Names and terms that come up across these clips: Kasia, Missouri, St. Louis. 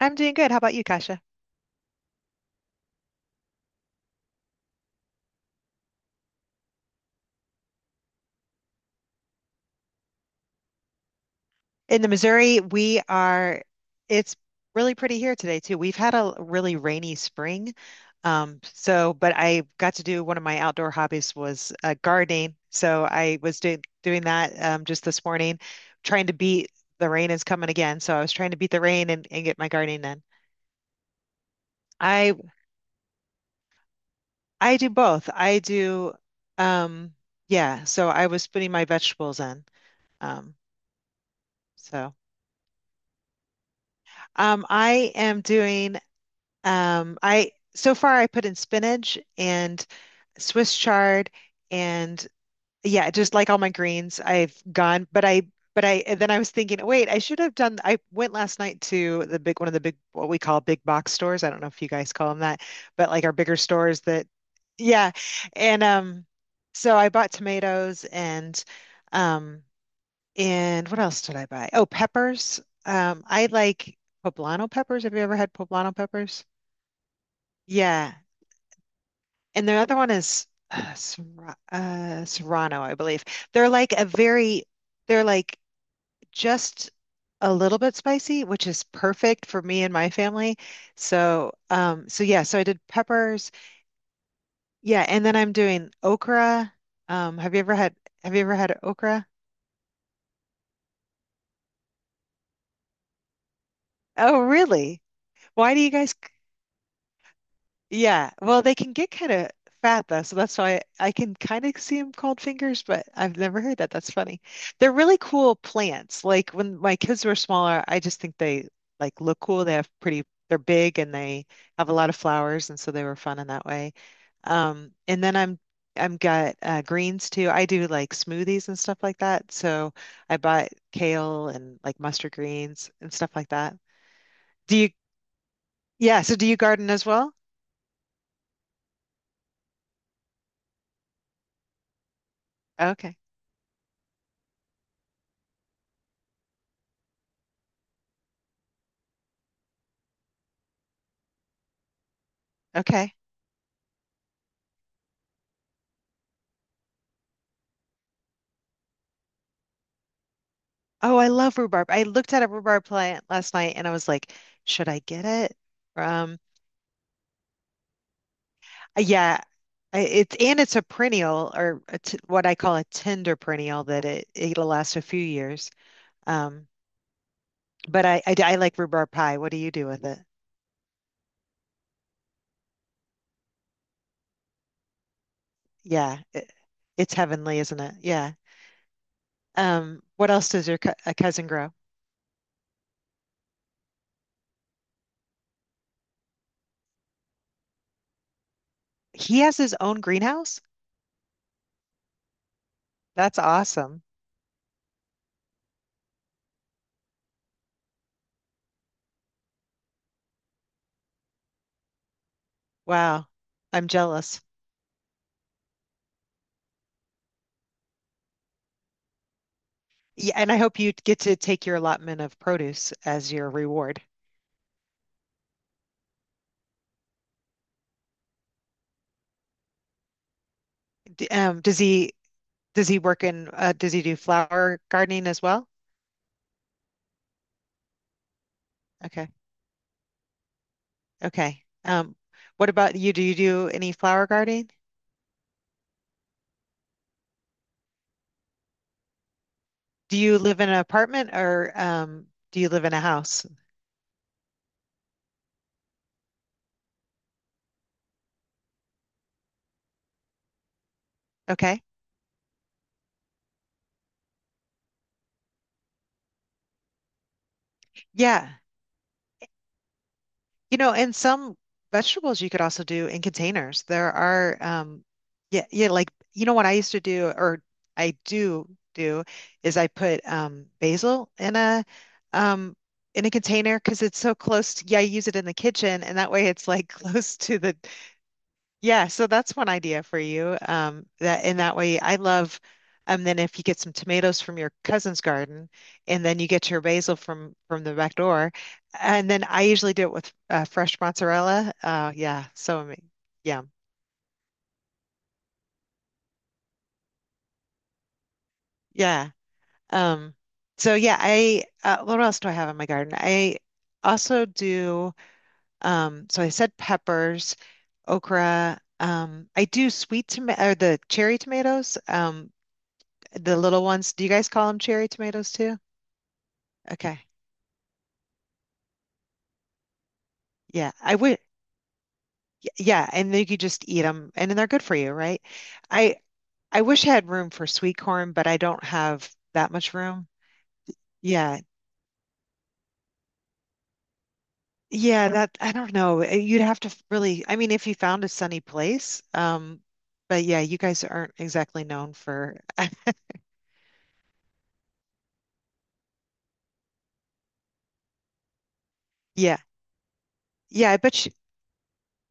I'm doing good. How about you, Kasia? In the Missouri, we are, it's really pretty here today too. We've had a really rainy spring. But I got to do one of my outdoor hobbies was gardening. So I was do doing that just this morning, trying to beat the rain is coming again. So I was trying to beat the rain and get my gardening in. I I do both. Um, yeah. So I was putting my vegetables in. Um, so. I am doing I so far I put in spinach and Swiss chard and yeah, just like all my greens, I've gone, but I and then I was thinking, oh, wait, I should have done I went last night to the big one of the big what we call big box stores. I don't know if you guys call them that, but like our bigger stores that yeah. And so I bought tomatoes um and what else did I buy? Oh, peppers. I like poblano peppers. Have you ever had poblano peppers? Yeah. And the other one is Serrano, I believe. They're like a very, they're like just a little bit spicy, which is perfect for me and my family. Yeah, so I did peppers. Yeah, and then I'm doing okra. Um, have you ever had, have you ever had okra? Oh, really? Why do you guys? Yeah, well, they can get kind of fat though, so that's why I can kind of see them called fingers, but I've never heard that. That's funny. They're really cool plants. Like when my kids were smaller, I just think they like look cool. They're big and they have a lot of flowers, and so they were fun in that way. And then I'm got greens too. I do like smoothies and stuff like that. So I bought kale and like mustard greens and stuff like that. Do you? Yeah. So do you garden as well? Okay. Okay. Oh, I love rhubarb. I looked at a rhubarb plant last night and I was like, should I get it? Um, yeah, it's and it's a perennial or a t what I call a tender perennial that it'll last a few years. Um, but I like rhubarb pie. What do you do with it? Yeah, it's heavenly, isn't it? Yeah. What else does your co a cousin grow? He has his own greenhouse. That's awesome. Wow, I'm jealous. Yeah, and I hope you get to take your allotment of produce as your reward. Um, does he does he work in does he do flower gardening as well? Okay. Okay. What about you? Do you do any flower gardening? Do you live in an apartment or do you live in a house? Okay. Yeah. You know, and some vegetables you could also do in containers. Yeah, yeah, like you know what I used to do, or I do, is I put basil um, in a container because it's so close to, yeah, I use it in the kitchen, and that way it's like close to the yeah, so that's one idea for you. That in that way, I love. And then if you get some tomatoes from your cousin's garden, and then you get your basil from the back door, and then I usually do it with fresh mozzarella. Yeah, yeah. Um, yeah, I what else do I have in my garden? I also do. So I said peppers, okra. I do sweet tomato or the cherry tomatoes. The little ones, do you guys call them cherry tomatoes too? Okay. Yeah, I would. Yeah, and then you could just eat them, and then they're good for you, right? I I wish I had room for sweet corn, but I don't have that much room. Yeah, yeah. That I don't know. You'd have to really. I mean, if you found a sunny place, but yeah, you guys aren't exactly known for. Yeah, yeah. I bet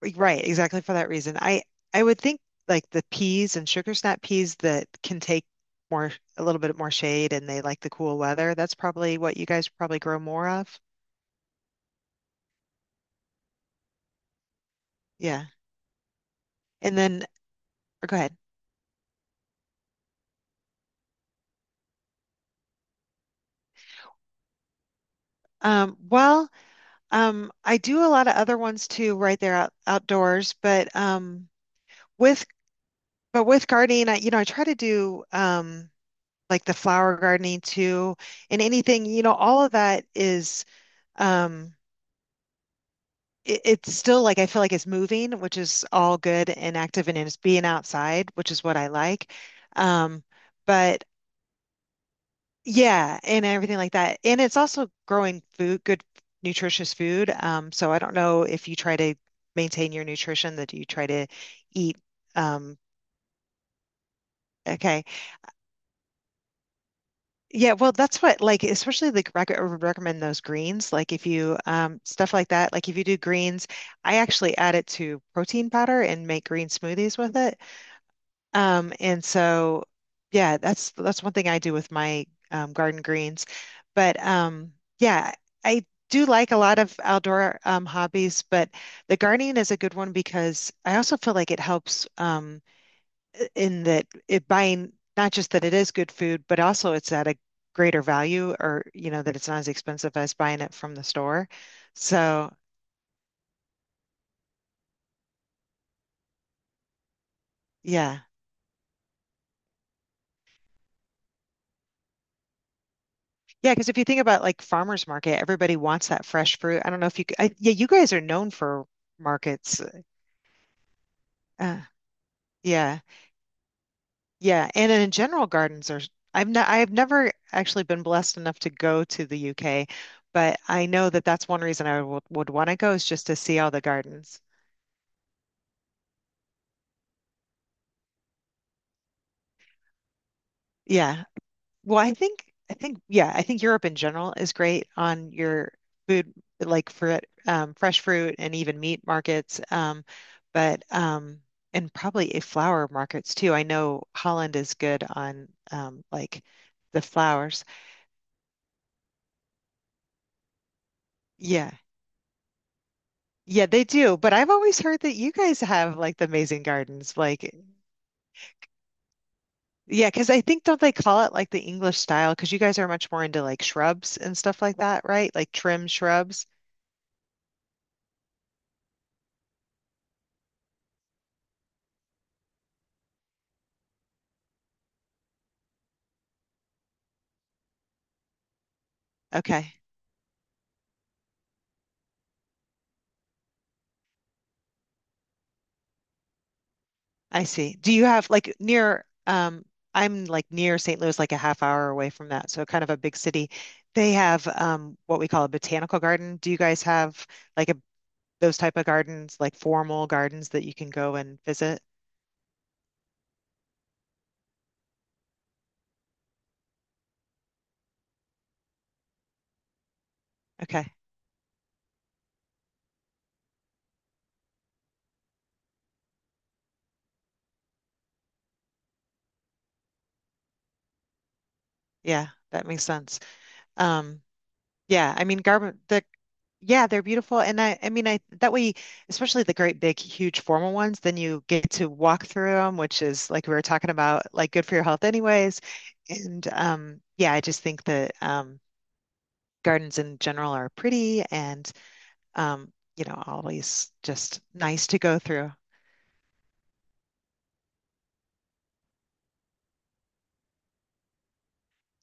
Right, right, exactly for that reason. I would think like the peas and sugar snap peas that can take more a little bit more shade and they like the cool weather. That's probably what you guys probably grow more of. Yeah. And then or go ahead. Um, well, I do a lot of other ones too, right there outdoors, but with but with gardening, I you know, I try to do like the flower gardening too and anything, you know, all of that is um it's still like I feel like it's moving, which is all good and active and it's being outside, which is what I like. Um, but yeah, and everything like that. And it's also growing food, good nutritious food. So I don't know if you try to maintain your nutrition that you try to eat um. Okay. Yeah, well, that's what like especially like rec I would recommend those greens. Like if you stuff like that, like if you do greens, I actually add it to protein powder and make green smoothies with it. Um, and so, yeah, that's one thing I do with my garden greens. But yeah, I do like a lot of outdoor hobbies, but the gardening is a good one because I also feel like it helps in that it buying not just that it is good food, but also it's at a greater value, or you know that it's not as expensive as buying it from the store. So yeah. Yeah, because if you think about like farmers market, everybody wants that fresh fruit. I don't know if yeah, you guys are known for markets. Uh, yeah, yeah, and in general, gardens are. I've never actually been blessed enough to go to the UK, but I know that that's one reason I would want to go is just to see all the gardens. Yeah. I think yeah, I think Europe in general is great on your food, like for fresh fruit and even meat markets. But and probably a flower markets too. I know Holland is good on like the flowers. Yeah, yeah, they do. But I've always heard that you guys have like the amazing gardens. Like, yeah, because I think don't they call it like the English style? Because you guys are much more into like shrubs and stuff like that, right? Like trim shrubs. Okay. I see. Do you have like near I'm like near St. Louis, like a half hour away from that, so kind of a big city. They have what we call a botanical garden. Do you guys have like a those type of gardens, like formal gardens that you can go and visit? Okay. Yeah, that makes sense. Um yeah, I mean garden the. Yeah, they're beautiful. And I mean, I that way, especially the great big, huge formal ones, then you get to walk through them, which is like we were talking about, like good for your health anyways. And yeah, I just think that gardens in general are pretty and you know, always just nice to go through.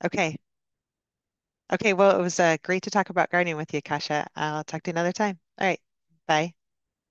Okay. Okay. Well, it was great to talk about gardening with you, Kasha. I'll talk to you another time. All right. Bye.